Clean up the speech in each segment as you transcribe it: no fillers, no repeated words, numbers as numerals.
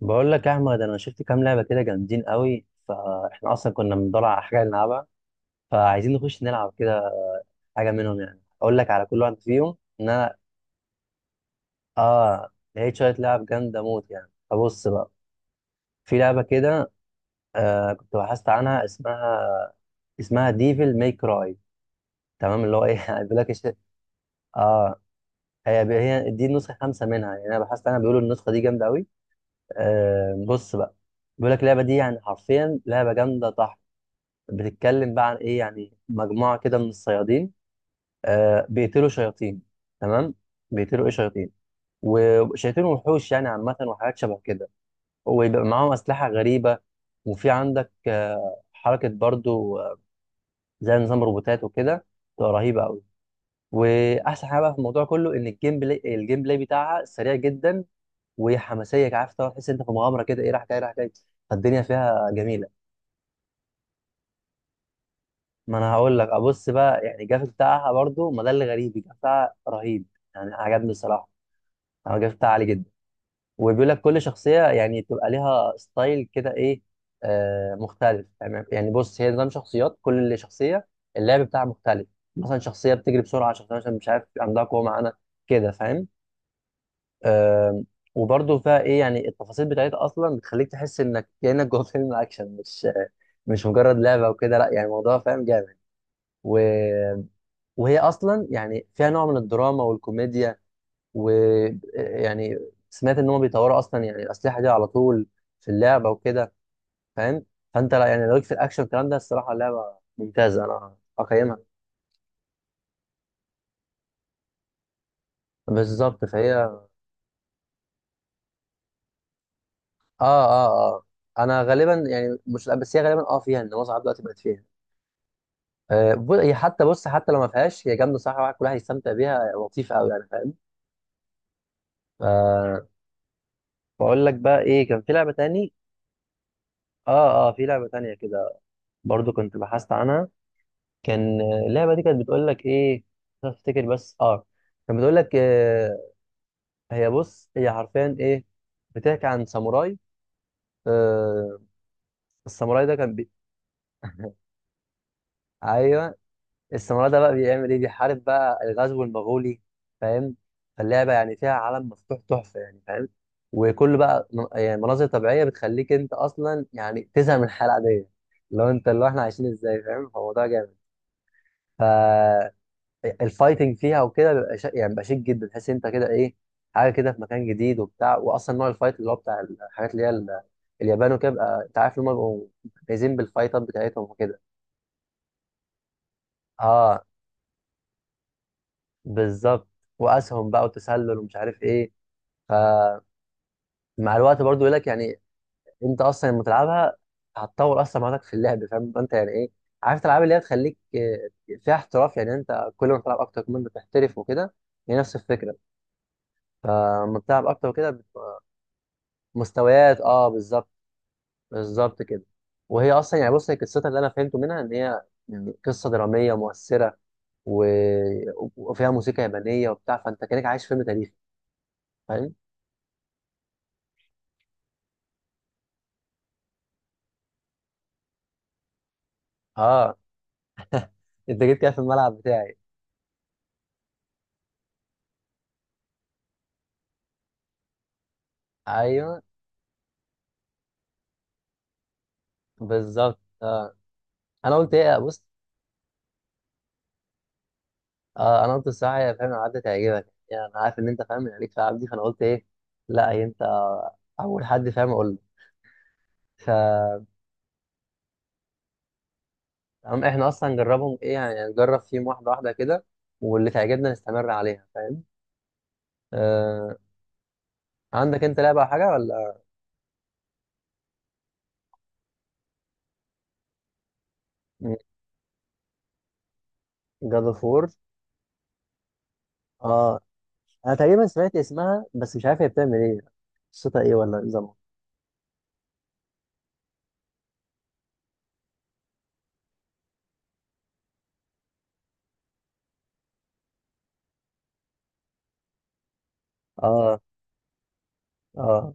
بقول لك يا احمد، انا شفت كام لعبه كده جامدين قوي. فاحنا اصلا كنا بندور على حاجه نلعبها، فعايزين نخش نلعب كده حاجه منهم. يعني اقول لك على كل واحد فيهم، ان انا اه لقيت شويه لعب جامده موت يعني. فبص بقى، في لعبه كده. كنت بحثت عنها، اسمها ديفل ماي كراي. تمام، اللي هو ايه، يعني بيقول لك اه هي دي النسخه 5 منها. يعني انا بحثت عنها، بيقولوا النسخه دي جامده قوي. بص بقى، بيقول لك اللعبه دي يعني حرفيا لعبه جامده طح. بتتكلم بقى عن ايه؟ يعني مجموعه كده من الصيادين. بيقتلوا شياطين. تمام. بيقتلوا ايه؟ شياطين، وشياطين وحوش يعني، عامه وحاجات شبه كده. ويبقى معاهم اسلحه غريبه. وفي عندك حركه برضو، زي نظام روبوتات وكده، تبقى رهيبه قوي. واحسن حاجه بقى في الموضوع كله ان الجيم بلاي بتاعها سريع جدا. وحماسيه، عارف طبعا تحس إن انت في مغامره كده ايه، راح جاي راح جاي، فالدنيا فيها جميله. ما انا هقول لك ابص بقى، يعني الجرافيك بتاعها برضو، ما ده اللي غريب، الجرافيك بتاعها رهيب. يعني عجبني الصراحه. أنا الجرافيك بتاعها عالي جدا. وبيقول لك كل شخصيه يعني تبقى ليها ستايل كده ايه، مختلف يعني. بص، هي نظام شخصيات، كل شخصيه اللعب بتاعها مختلف. مثلا شخصيه بتجري بسرعه، شخصيه عشان مش عارف عندها قوه معانا، كده فاهم؟ آه. وبرضو فيها ايه، يعني التفاصيل بتاعتها اصلا بتخليك تحس انك كانك جوه فيلم اكشن، مش مجرد لعبه وكده، لا يعني الموضوع فاهم، جامد. وهي اصلا يعني فيها نوع من الدراما والكوميديا. ويعني سمعت ان هم بيطوروا اصلا يعني الاسلحه دي على طول في اللعبه وكده، فاهم. فانت لا يعني لو ليك في الاكشن والكلام ده، الصراحه اللعبه ممتازه، انا اقيمها. بالظبط. فهي اه اه انا غالبا يعني، مش، لا بس هي غالبا فيها، ان معظم دلوقتي بقت فيها. هي حتى، بص، حتى لو ما فيهاش هي جامده صح، الواحد كلها هيستمتع بيها، لطيفه قوي يعني، فاهم. آه. بقول لك بقى ايه، كان في لعبه تاني. اه في لعبه تانيه كده، برضو كنت بحثت عنها. كان، اللعبه دي كانت بتقول لك ايه، مش عارف افتكر، بس كانت بتقول لك، آه. هي بص، هي حرفيا ايه، بتحكي عن ساموراي. آه الساموراي ده كان ايوه، الساموراي ده بقى بيعمل ايه، بيحارب بقى الغزو المغولي، فاهم. فاللعبه يعني فيها عالم مفتوح تحفه يعني، فاهم. وكل بقى يعني مناظر طبيعيه بتخليك انت اصلا يعني تزهق من الحياه العاديه، لو انت اللي هو احنا عايشين ازاي، فاهم. فالموضوع جامد. الفايتنج فيها وكده بيبقى يعني بيبقى شيك جدا. تحس انت كده ايه، حاجه كده في مكان جديد وبتاع، واصلا نوع الفايت اللي هو بتاع الحاجات اللي هي اليابان وكده، بيبقى انت عارف ان هم بيبقوا جايزين بالفايتات بتاعتهم وكده. اه بالظبط. واسهم بقى، وتسلل، ومش عارف ايه. فمع الوقت برضو يقول لك يعني، انت اصلا لما تلعبها هتطور اصلا مهاراتك في اللعب، فاهم انت يعني ايه، عارف الالعاب اللي هي تخليك، فيها احتراف. يعني انت كل ما تلعب اكتر كل ما انت تحترف وكده، هي نفس الفكره. فلما بتلعب اكتر وكده، مستويات اه، بالظبط، بالظبط كده. وهي اصلا يعني بص، هي قصتها اللي انا فهمته منها ان هي يعني قصه دراميه مؤثره و... وفيها موسيقى يابانيه وبتاع، فانت كانك عايش فيلم تاريخي، فاهم. اه انت جيت كده في الملعب بتاعي. ايوه بالظبط. اه انا قلت ايه، بص. انا قلت الصراحه، يا فاهم العاب دي تعجبك، يعني انا عارف ان انت فاهم، يعني ليك في العاب دي، فانا قلت ايه، لا هي انت اول حد فاهم، اقول لك. فاحنا اصلا نجربهم ايه، يعني نجرب فيهم واحده واحده كده، واللي تعجبنا نستمر عليها، فاهم. آه. عندك انت لعبه او حاجه ولا؟ جاد اوف وور. اه، انا تقريبا سمعت اسمها بس مش عارف هي بتعمل ايه، قصتها ايه ولا نظامها. اه. اه.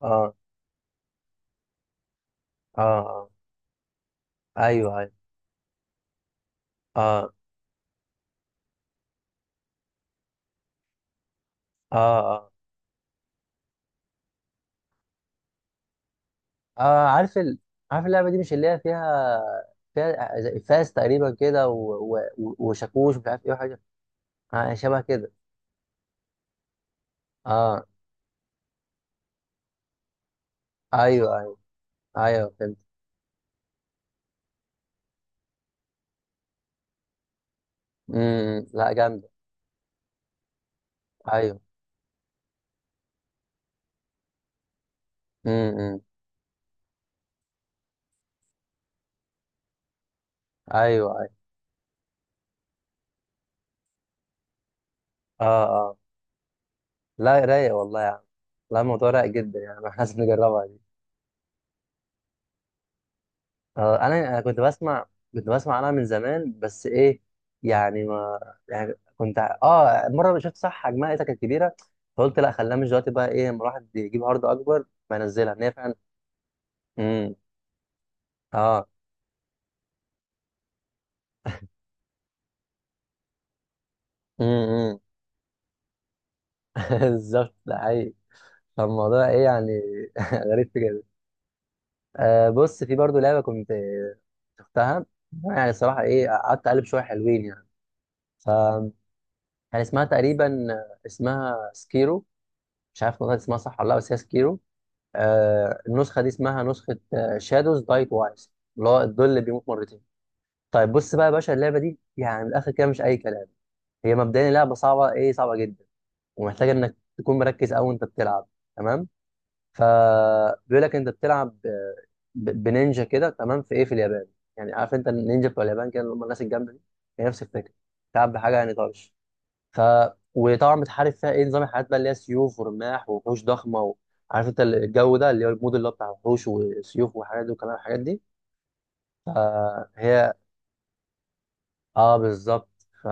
اه. اه. اه. ايوه. ايوه. اه. اه. اه, آه عارف عارف اللعبه دي مش اللي هي فيها، فيها زي فاس تقريبا كده وشاكوش ومش عارف ايه وحاجه. آه شبه كده. اه. ايوه. ايوه. ايوه فهمت. امم. لا جامده. ايوه. امم. ايوه. ايوه. اه. اه. لا رايق والله. لا الموضوع رايق جدا يعني، احنا لازم نجربها دي. آه، انا كنت بسمع عنها من زمان، بس ايه يعني، ما يعني كنت مره شفت صح، حجمها ايه كانت كبيره. فقلت لا، خليها مش دلوقتي بقى ايه، لما الواحد يجيب هارد اكبر فينزلها، ان هي فعلا. امم. اه. امم. بالظبط، ده حقيقي، فالموضوع ايه يعني. غريب، في كده. بص، في برضو لعبه كنت شفتها، يعني الصراحه ايه، قعدت اقلب شويه حلوين يعني. ف كان اسمها تقريبا، اسمها سكيرو، مش عارف والله اسمها صح ولا لا، بس هي سكيرو. النسخه دي اسمها نسخه شادوز دايت وايز، اللي هو الظل اللي بيموت مرتين. طيب بص بقى يا باشا، اللعبه دي يعني من الاخر كده مش اي كلام. هي مبدئيا لعبه صعبه، ايه، صعبه جدا. ومحتاجه انك تكون مركز قوي وانت بتلعب. تمام. فبيقول لك انت بتلعب بنينجا كده، تمام، في ايه، في اليابان. يعني عارف انت النينجا بتوع اليابان كده، اللي هم الناس الجامده دي، هي نفس الفكره. بتلعب بحاجه يعني طرش. ف وطبعا بتحارب فيها ايه، نظام الحاجات بقى اللي هي سيوف ورماح ووحوش ضخمه عارف انت الجو ده، اللي هو المود اللي هو بتاع وحوش وسيوف وحاجات دي، وكلام الحاجات دي. فهي اه بالظبط. ف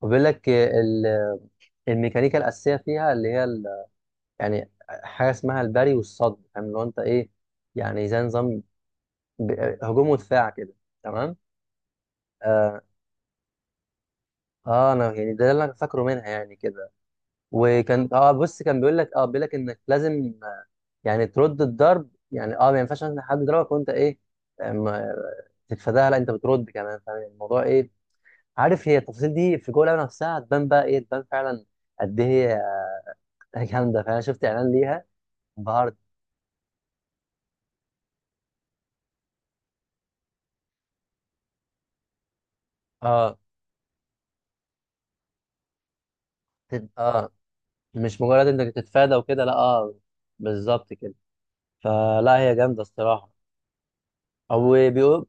وبيقول لك الميكانيكا الاساسيه فيها اللي هي يعني حاجه اسمها البري والصد، فاهم، اللي هو انت ايه، يعني زي نظام ب... هجوم ودفاع كده. تمام. آه... اه انا يعني ده اللي انا فاكره منها يعني كده. وكان بص، كان بيقول لك بيقول لك انك لازم، يعني ترد الضرب، يعني ما ينفعش مثلا حد يضربك وانت ايه، أم- تتفاداها، لا انت بترد كمان، فاهم يعني الموضوع ايه. عارف، هي التفاصيل دي في جوه اللعبه نفسها هتبان بقى ايه، تبان فعلا قد ايه. هي جامده، فانا شفت اعلان ليها انبهرت. اه. تت- اه مش مجرد انك تتفادى وكده، لا. اه بالظبط كده. فلا، هي جامده الصراحه. او بيقول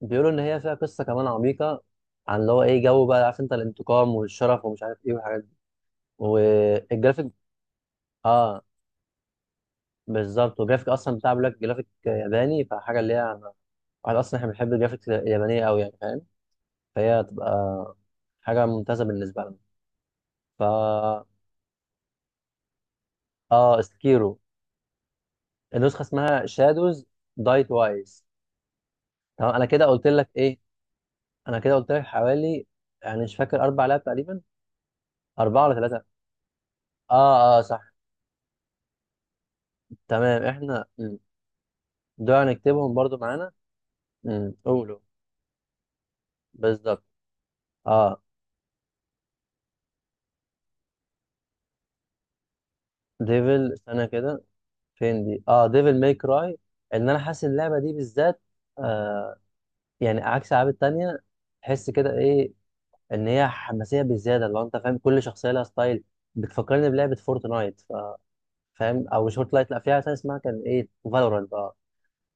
بيقولوا ان هي فيها قصه كمان عميقه، عن اللي هو ايه، جو بقى عارف انت الانتقام والشرف ومش عارف ايه والحاجات، والجرافيك. اه بالظبط. والجرافيك اصلا بتاع، بيقول لك جرافيك ياباني فحاجه اللي هي، واحد اصلا احنا بنحب الجرافيك اليابانيه قوي يعني فاهم. فهي هتبقى حاجه ممتازه بالنسبه لنا. فا اه سكيرو، النسخه اسمها شادوز داي توايس. تمام، انا كده قلت لك ايه، انا كده قلت لك حوالي يعني، مش فاكر، 4 لعب تقريبا، 4 ولا 3. اه صح. تمام احنا. دول هنكتبهم برضو معانا. قولوا. بالظبط. اه ديفل، استنى كده، فين دي، اه ديفل ماي كراي. ان انا حاسس اللعبه دي بالذات، آه، يعني عكس الالعاب التانيه، تحس كده ايه، ان هي حماسيه بزياده، لو انت فاهم، كل شخصيه لها ستايل. بتفكرني بلعبه فورتنايت، فاهم، او مش فورتنايت، لا فيها تانية اسمها كان ايه، فالورانت اه.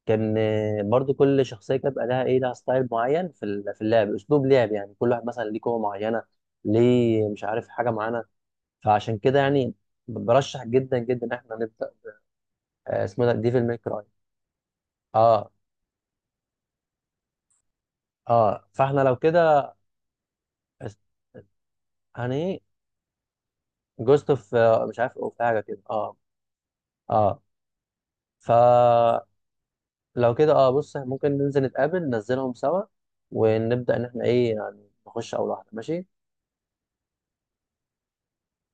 كان برضو كل شخصيه كانت بقى لها ايه، لها ستايل معين في في اللعب، اسلوب لعب يعني، كل واحد مثلا ليه قوه معينه، ليه مش عارف حاجه معينه. فعشان كده يعني، برشح جدا جدا إن احنا نبدا، اسمه ده ديفل ماي كراي. اه. اه فاحنا لو كده، است- هني جوست اوف، مش عارف اوف حاجه كده. اه. اه. فلو كده بص، ممكن ننزل نتقابل، ننزلهم سوا، ونبدا ان احنا ايه، يعني نخش اول واحده، ماشي.